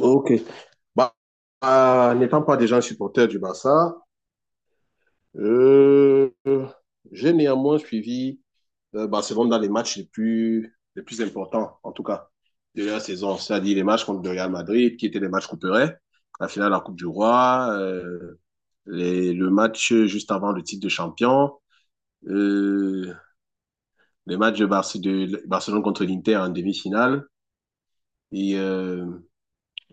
Ok. Bah, N'étant pas déjà un supporter du Barça, euh, j'ai néanmoins suivi Barcelone dans les matchs les plus importants, en tout cas, de la saison. C'est-à-dire les matchs contre le Real Madrid, qui étaient les matchs couperets, la finale de la Coupe du Roi, le match juste avant le titre de champion, euh, les matchs de Barcelone contre l'Inter en demi-finale. Et euh,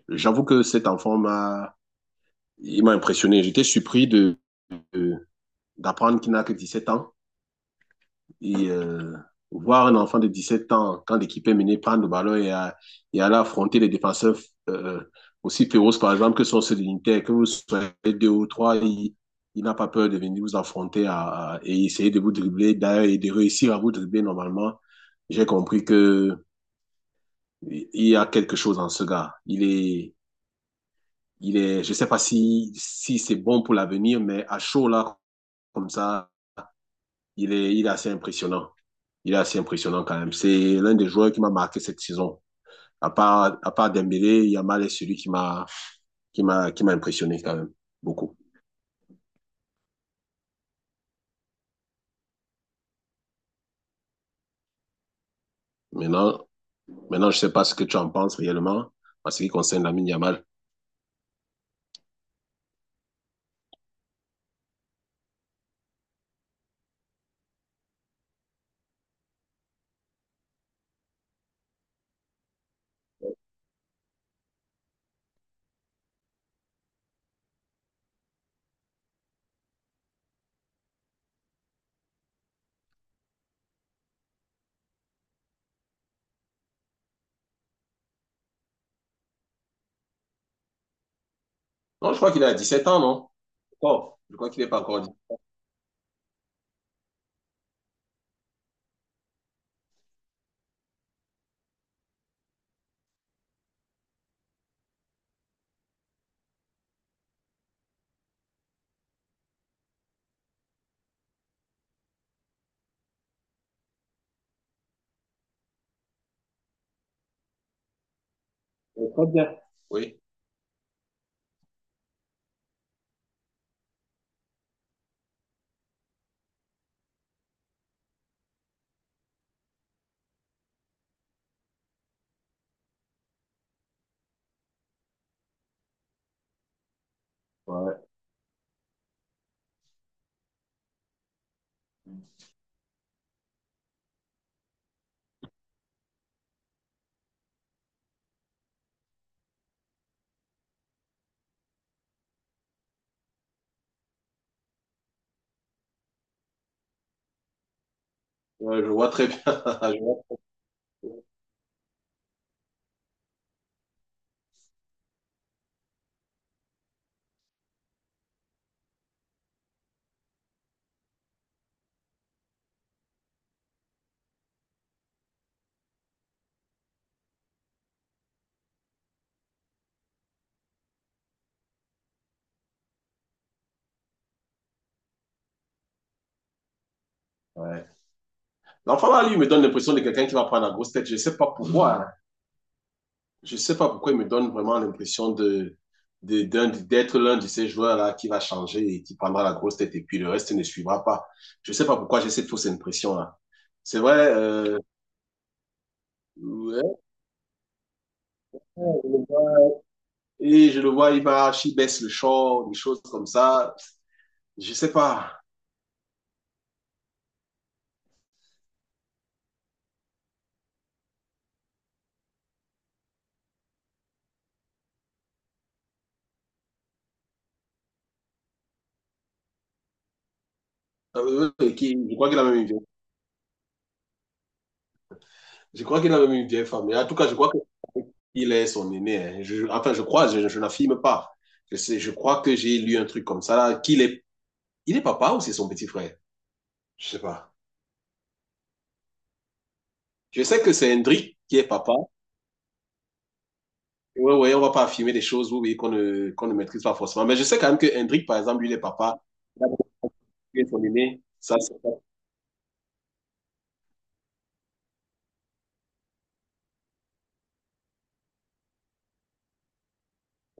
j'avoue que il m'a impressionné. J'étais surpris d'apprendre qu'il n'a que 17 ans. Et euh, voir un enfant de 17 ans, quand l'équipe est menée, prendre le ballon et aller affronter les défenseurs euh, aussi féroces, par exemple, que sont ceux de l'Inter, que vous soyez deux ou trois, il n'a pas peur de venir vous affronter et essayer de vous dribbler, d'ailleurs, et de réussir à vous dribbler normalement. J'ai compris que il y a quelque chose en ce gars. Il est, je ne sais pas si c'est bon pour l'avenir, mais à chaud là, comme ça, il est assez impressionnant. Il est assez impressionnant quand même. C'est l'un des joueurs qui m'a marqué cette saison. À part Dembélé, Yamal est celui qui m'a impressionné quand même beaucoup. Maintenant, maintenant, je ne sais pas ce que tu en penses réellement en ce qui concerne Lamine Yamal. Non, je crois qu'il a dix sept ans, non? Oh, je crois qu'il n'est pas encore 17. Ouais, très bien. Oui, ouais. Ouais, je vois très bien. Je vois très bien. Ouais. L'enfant là, lui, il me donne l'impression de quelqu'un qui va prendre la grosse tête. Je ne sais pas pourquoi, hein. Je sais pas pourquoi il me donne vraiment l'impression de, d'être l'un de ces joueurs-là qui va changer et qui prendra la grosse tête et puis le reste ne suivra pas. Je sais pas pourquoi j'ai cette fausse impression-là. C'est vrai, ouais. Et je le vois, il baisse le short, des choses comme ça. Je sais pas. Je crois qu'il a même je crois qu'il a même une vieille femme. Mais en tout cas, je crois qu'il est son aîné, hein. Enfin, je crois, je n'affirme pas. Je sais, je crois que j'ai lu un truc comme ça, là, il est papa ou c'est son petit frère? Je sais pas. Je sais que c'est Hendrik qui est papa. Ouais, ouais, on va pas affirmer des choses, oui, oui, qu'on ne maîtrise pas forcément. Mais je sais quand même que Hendrik, par exemple, lui, il est papa. Il a tué son aîné. Ça, c'est pas-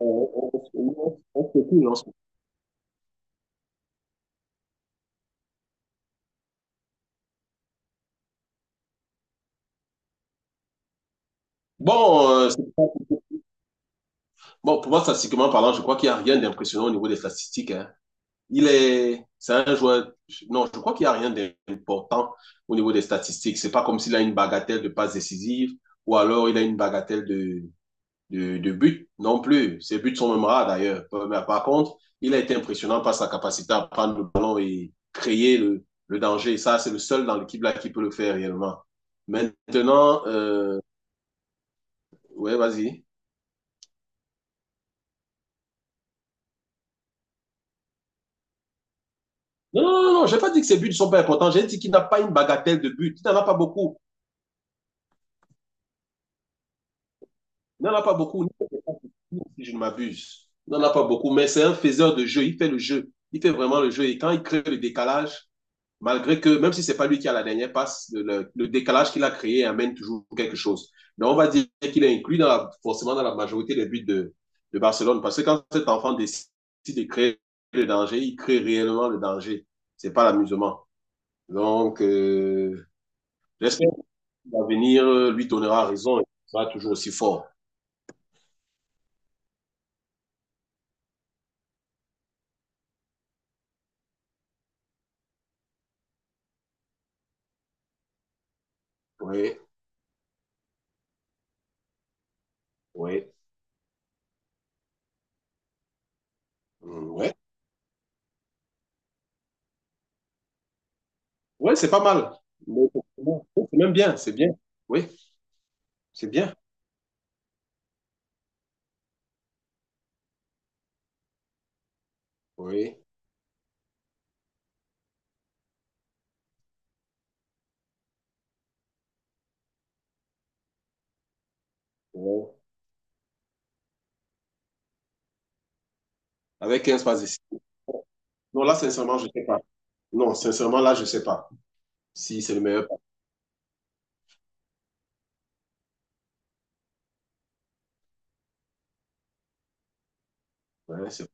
on se coule, on se coule. Bon, c'est pas- Bon, pour moi, statistiquement parlant, je crois qu'il n'y a rien d'impressionnant au niveau des statistiques, hein. C'est un joueur, non, je crois qu'il n'y a rien d'important au niveau des statistiques. C'est pas comme s'il a une bagatelle de passes décisives ou alors il a une bagatelle de but non plus. Ses buts sont même rares d'ailleurs. Mais par contre, il a été impressionnant par sa capacité à prendre le ballon et créer le danger. Ça, c'est le seul dans l'équipe là qui peut le faire réellement. Maintenant, ouais, vas-y. Non, j'ai pas dit que ses buts ne sont pas importants. J'ai dit qu'il n'a pas une bagatelle de buts. Il n'en a pas beaucoup. Il n'en a pas beaucoup. Si je ne m'abuse. Il n'en a pas beaucoup, mais c'est un faiseur de jeu. Il fait le jeu. Il fait vraiment le jeu. Et quand il crée le décalage, malgré que, même si c'est pas lui qui a la dernière passe, le décalage qu'il a créé amène toujours quelque chose. Donc, on va dire qu'il est inclus dans la, forcément dans la majorité des buts de Barcelone. Parce que quand cet enfant décide de créer le danger, il crée réellement le danger. C'est pas l'amusement. Donc, j'espère que l'avenir lui donnera raison et il sera toujours aussi fort. Oui, oui, oui. Oui, c'est pas mal. Mais c'est même bien, c'est bien. Oui, c'est bien. Oui. Oui. Avec 15 passes ici. Non, là, sincèrement, je sais pas. Non, sincèrement, là, je sais pas si c'est le meilleur parfum, hein. C'est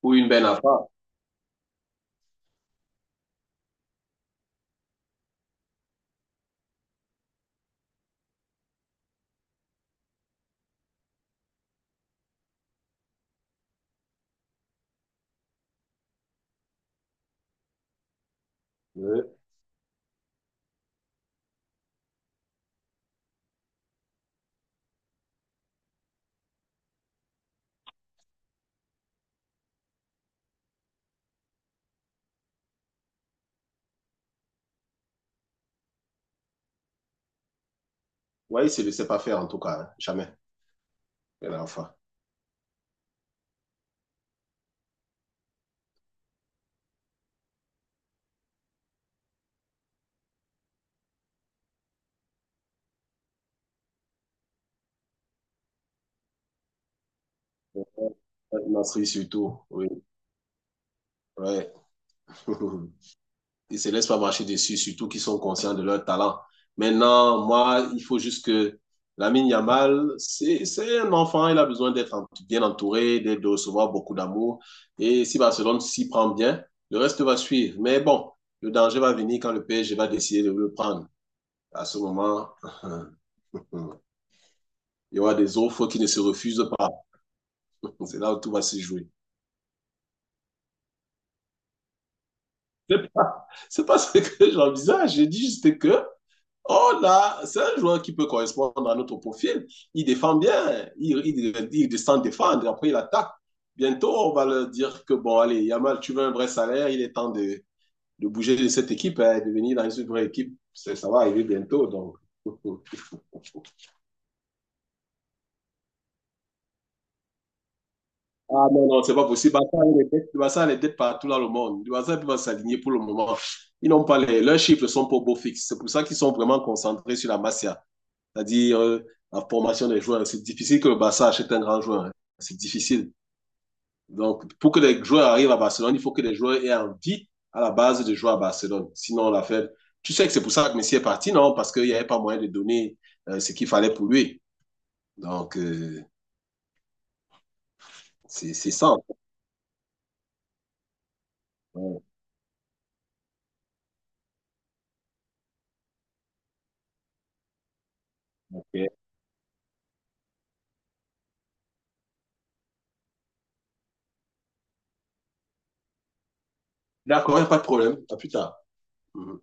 pour une belle enfant, hein. Ouais, il ne le sait pas faire, en tout cas, hein. Jamais. Belle enfant. Une surtout. Oui. Ouais. Ils ne se laissent pas marcher dessus, surtout qu'ils sont conscients de leur talent. Maintenant, moi, il faut juste que Lamine Yamal, c'est un enfant, il a besoin bien entouré, de recevoir beaucoup d'amour. Et si Barcelone s'y prend bien, le reste va suivre. Mais bon, le danger va venir quand le PSG va décider de le prendre. À ce moment, il y aura des offres qui ne se refusent pas. C'est là où tout va se jouer. C'est pas ce que j'envisage. J'ai dit juste que, oh là, c'est un joueur qui peut correspondre à notre profil. Il défend bien, il descend défendre, après il attaque. Bientôt, on va leur dire que, bon, allez, Yamal, tu veux un vrai salaire, il est temps de bouger de cette équipe et hein, de venir dans une vraie équipe. Ça va arriver bientôt, donc. Ah non, non, c'est pas possible. Barça a les dettes partout dans le monde. Barça ne peut pas s'aligner pour le moment. Ils n'ont pas les, leurs chiffres sont pas au beau fixe. C'est pour ça qu'ils sont vraiment concentrés sur la Masia, c'est-à-dire la formation des joueurs. C'est difficile que le Barça achète un grand joueur, hein. C'est difficile. Donc, pour que les joueurs arrivent à Barcelone, il faut que les joueurs aient envie à la base de jouer à Barcelone. Sinon, la fait. Tu sais que c'est pour ça que Messi est parti, non? Parce qu'il n'y avait pas moyen de donner ce qu'il fallait pour lui. Donc, c'est ça. Ouais, ok. D'accord, il n'y a pas de problème. À plus tard. Mhm.